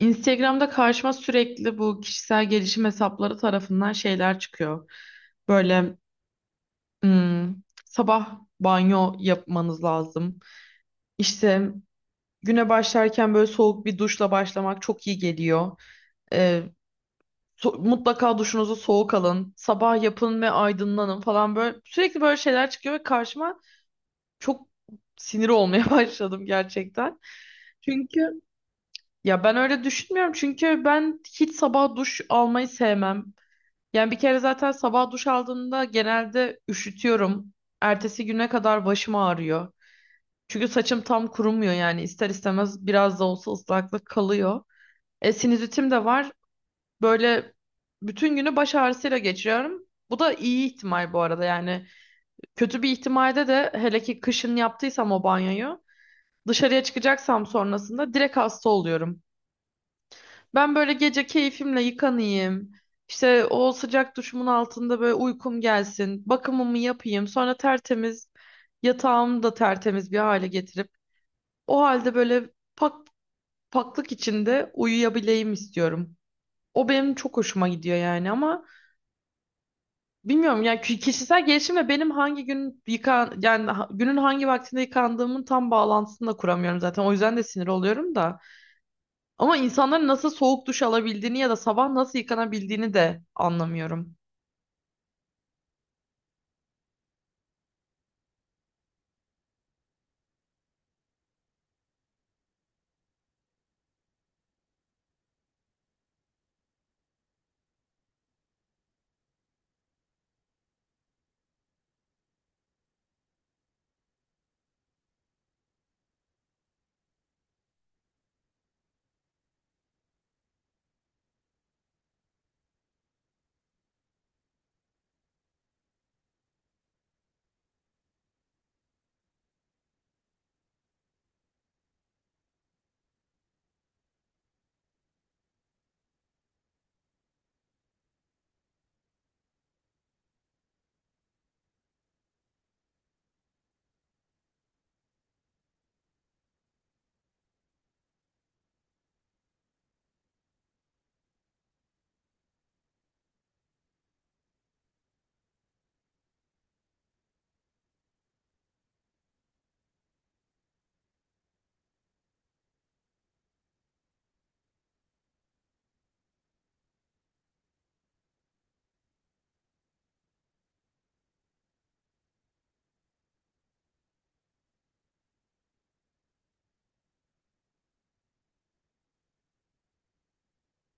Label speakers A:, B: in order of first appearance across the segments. A: Instagram'da karşıma sürekli bu kişisel gelişim hesapları tarafından şeyler çıkıyor. Böyle hmm, sabah banyo yapmanız lazım. İşte güne başlarken böyle soğuk bir duşla başlamak çok iyi geliyor. Ee, Mutlaka duşunuzu soğuk alın. Sabah yapın ve aydınlanın falan böyle. Sürekli böyle şeyler çıkıyor ve karşıma çok sinir olmaya başladım gerçekten. Çünkü Ya ben öyle düşünmüyorum. Çünkü ben hiç sabah duş almayı sevmem. Yani bir kere zaten sabah duş aldığımda genelde üşütüyorum. Ertesi güne kadar başım ağrıyor. Çünkü saçım tam kurumuyor yani ister istemez biraz da olsa ıslaklık kalıyor. Sinüzitim de var. Böyle bütün günü baş ağrısıyla geçiriyorum. Bu da iyi ihtimal bu arada yani. Kötü bir ihtimalde de hele ki kışın yaptıysam o banyoyu dışarıya çıkacaksam sonrasında direkt hasta oluyorum. Ben böyle gece keyfimle yıkanayım. İşte o sıcak duşumun altında böyle uykum gelsin. Bakımımı yapayım. Sonra tertemiz yatağımı da tertemiz bir hale getirip o halde böyle pak paklık içinde uyuyabileyim istiyorum. O benim çok hoşuma gidiyor yani ama bilmiyorum yani kişisel gelişimle benim hangi gün yıkan yani günün hangi vaktinde yıkandığımın tam bağlantısını da kuramıyorum zaten. O yüzden de sinir oluyorum da. Ama insanların nasıl soğuk duş alabildiğini ya da sabah nasıl yıkanabildiğini de anlamıyorum.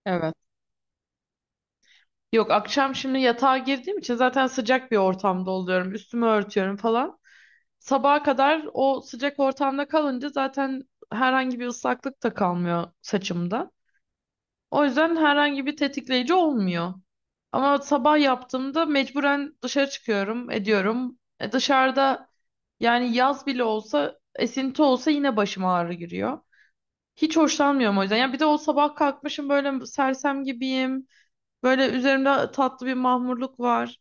A: Evet. Yok, akşam şimdi yatağa girdiğim için zaten sıcak bir ortamda oluyorum. Üstümü örtüyorum falan. Sabaha kadar o sıcak ortamda kalınca zaten herhangi bir ıslaklık da kalmıyor saçımda. O yüzden herhangi bir tetikleyici olmuyor. Ama sabah yaptığımda mecburen dışarı çıkıyorum, ediyorum. Dışarıda yani yaz bile olsa, esinti olsa yine başıma ağrı giriyor. Hiç hoşlanmıyorum o yüzden. Ya bir de o sabah kalkmışım böyle sersem gibiyim. Böyle üzerimde tatlı bir mahmurluk var.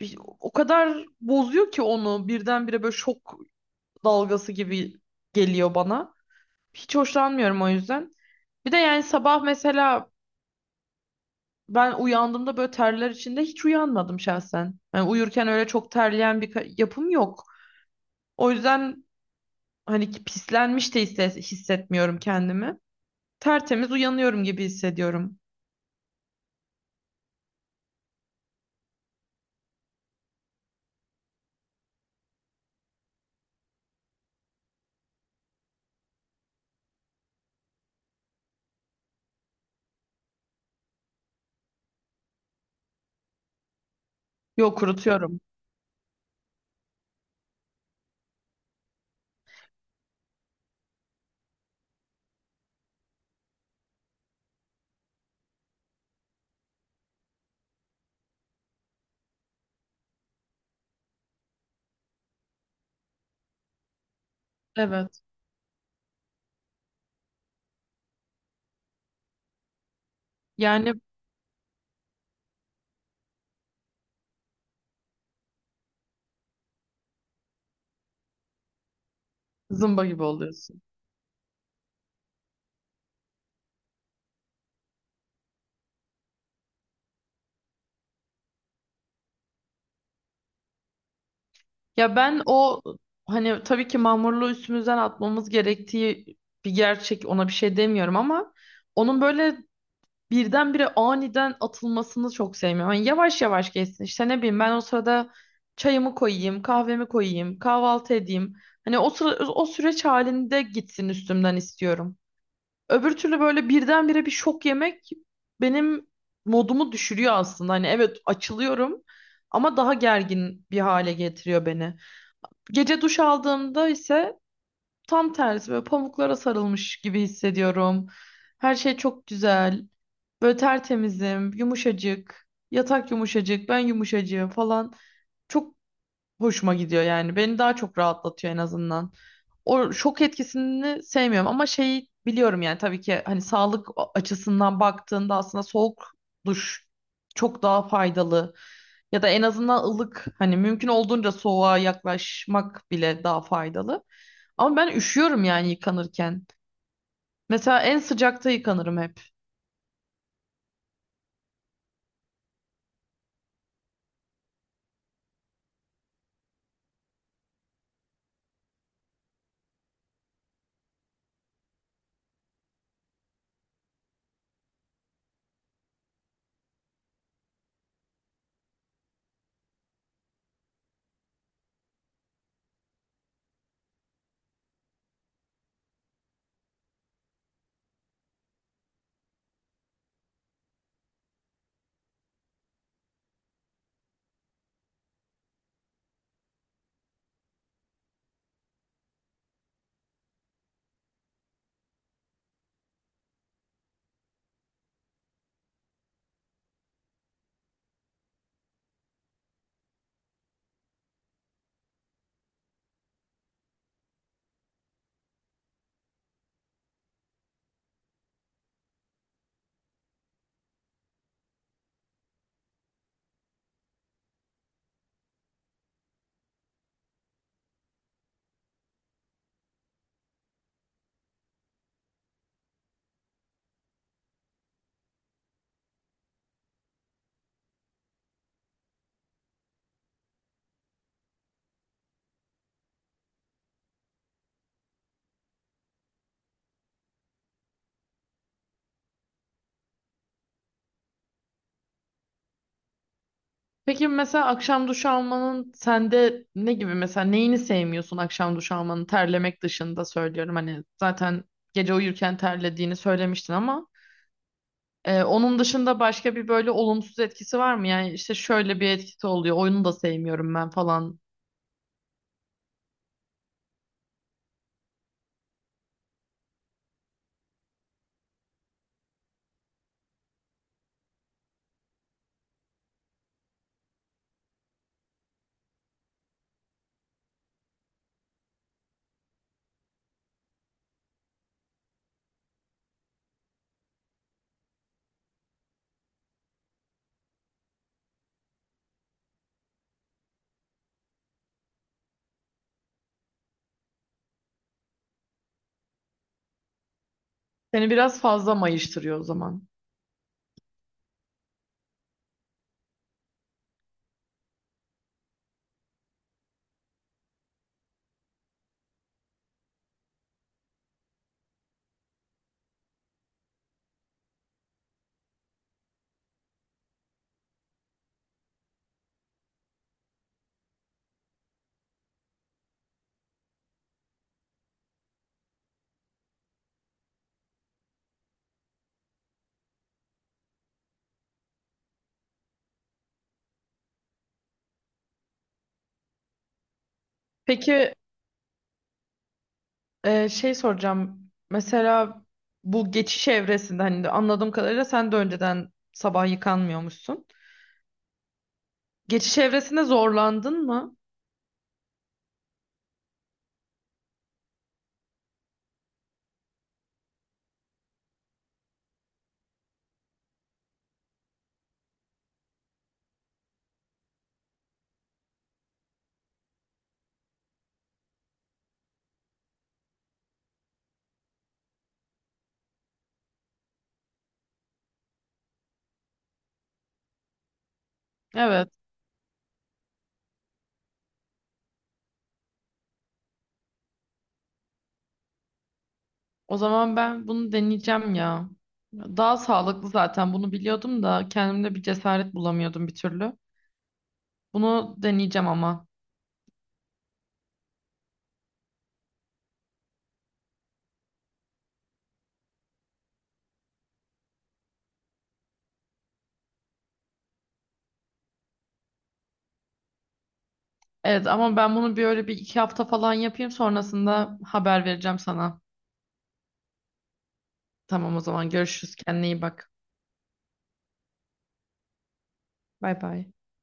A: O kadar bozuyor ki onu birdenbire böyle şok dalgası gibi geliyor bana. Hiç hoşlanmıyorum o yüzden. Bir de yani sabah mesela ben uyandığımda böyle terler içinde hiç uyanmadım şahsen. Yani uyurken öyle çok terleyen bir yapım yok. O yüzden hani ki pislenmiş de hissetmiyorum kendimi. Tertemiz uyanıyorum gibi hissediyorum. Yok, kurutuyorum. Evet. Yani zımba gibi oluyorsun. Ya ben o hani tabii ki mamurluğu üstümüzden atmamız gerektiği bir gerçek, ona bir şey demiyorum ama onun böyle birdenbire aniden atılmasını çok sevmiyorum. Hani yavaş yavaş geçsin, işte ne bileyim ben o sırada çayımı koyayım, kahvemi koyayım, kahvaltı edeyim. Hani o sıra, o süreç halinde gitsin üstümden istiyorum. Öbür türlü böyle birdenbire bir şok yemek benim modumu düşürüyor aslında. Hani evet, açılıyorum ama daha gergin bir hale getiriyor beni. Gece duş aldığımda ise tam tersi böyle pamuklara sarılmış gibi hissediyorum. Her şey çok güzel. Böyle tertemizim, yumuşacık. Yatak yumuşacık, ben yumuşacığım falan. Çok hoşuma gidiyor yani. Beni daha çok rahatlatıyor en azından. O şok etkisini sevmiyorum ama şey biliyorum yani tabii ki hani sağlık açısından baktığında aslında soğuk duş çok daha faydalı. Ya da en azından ılık, hani mümkün olduğunca soğuğa yaklaşmak bile daha faydalı. Ama ben üşüyorum yani yıkanırken. Mesela en sıcakta yıkanırım hep. Peki, mesela akşam duş almanın sende ne gibi, mesela neyini sevmiyorsun akşam duş almanın terlemek dışında söylüyorum, hani zaten gece uyurken terlediğini söylemiştin ama onun dışında başka bir böyle olumsuz etkisi var mı? Yani işte şöyle bir etkisi oluyor oyunu da sevmiyorum ben falan. Seni biraz fazla mayıştırıyor o zaman. Peki, şey soracağım, mesela bu geçiş evresinde hani de anladığım kadarıyla sen de önceden sabah yıkanmıyormuşsun. Geçiş evresinde zorlandın mı? Evet. O zaman ben bunu deneyeceğim ya. Daha sağlıklı zaten, bunu biliyordum da kendimde bir cesaret bulamıyordum bir türlü. Bunu deneyeceğim ama. Evet ama ben bunu bir öyle bir iki hafta falan yapayım, sonrasında haber vereceğim sana. Tamam, o zaman görüşürüz, kendine iyi bak. Bay bay.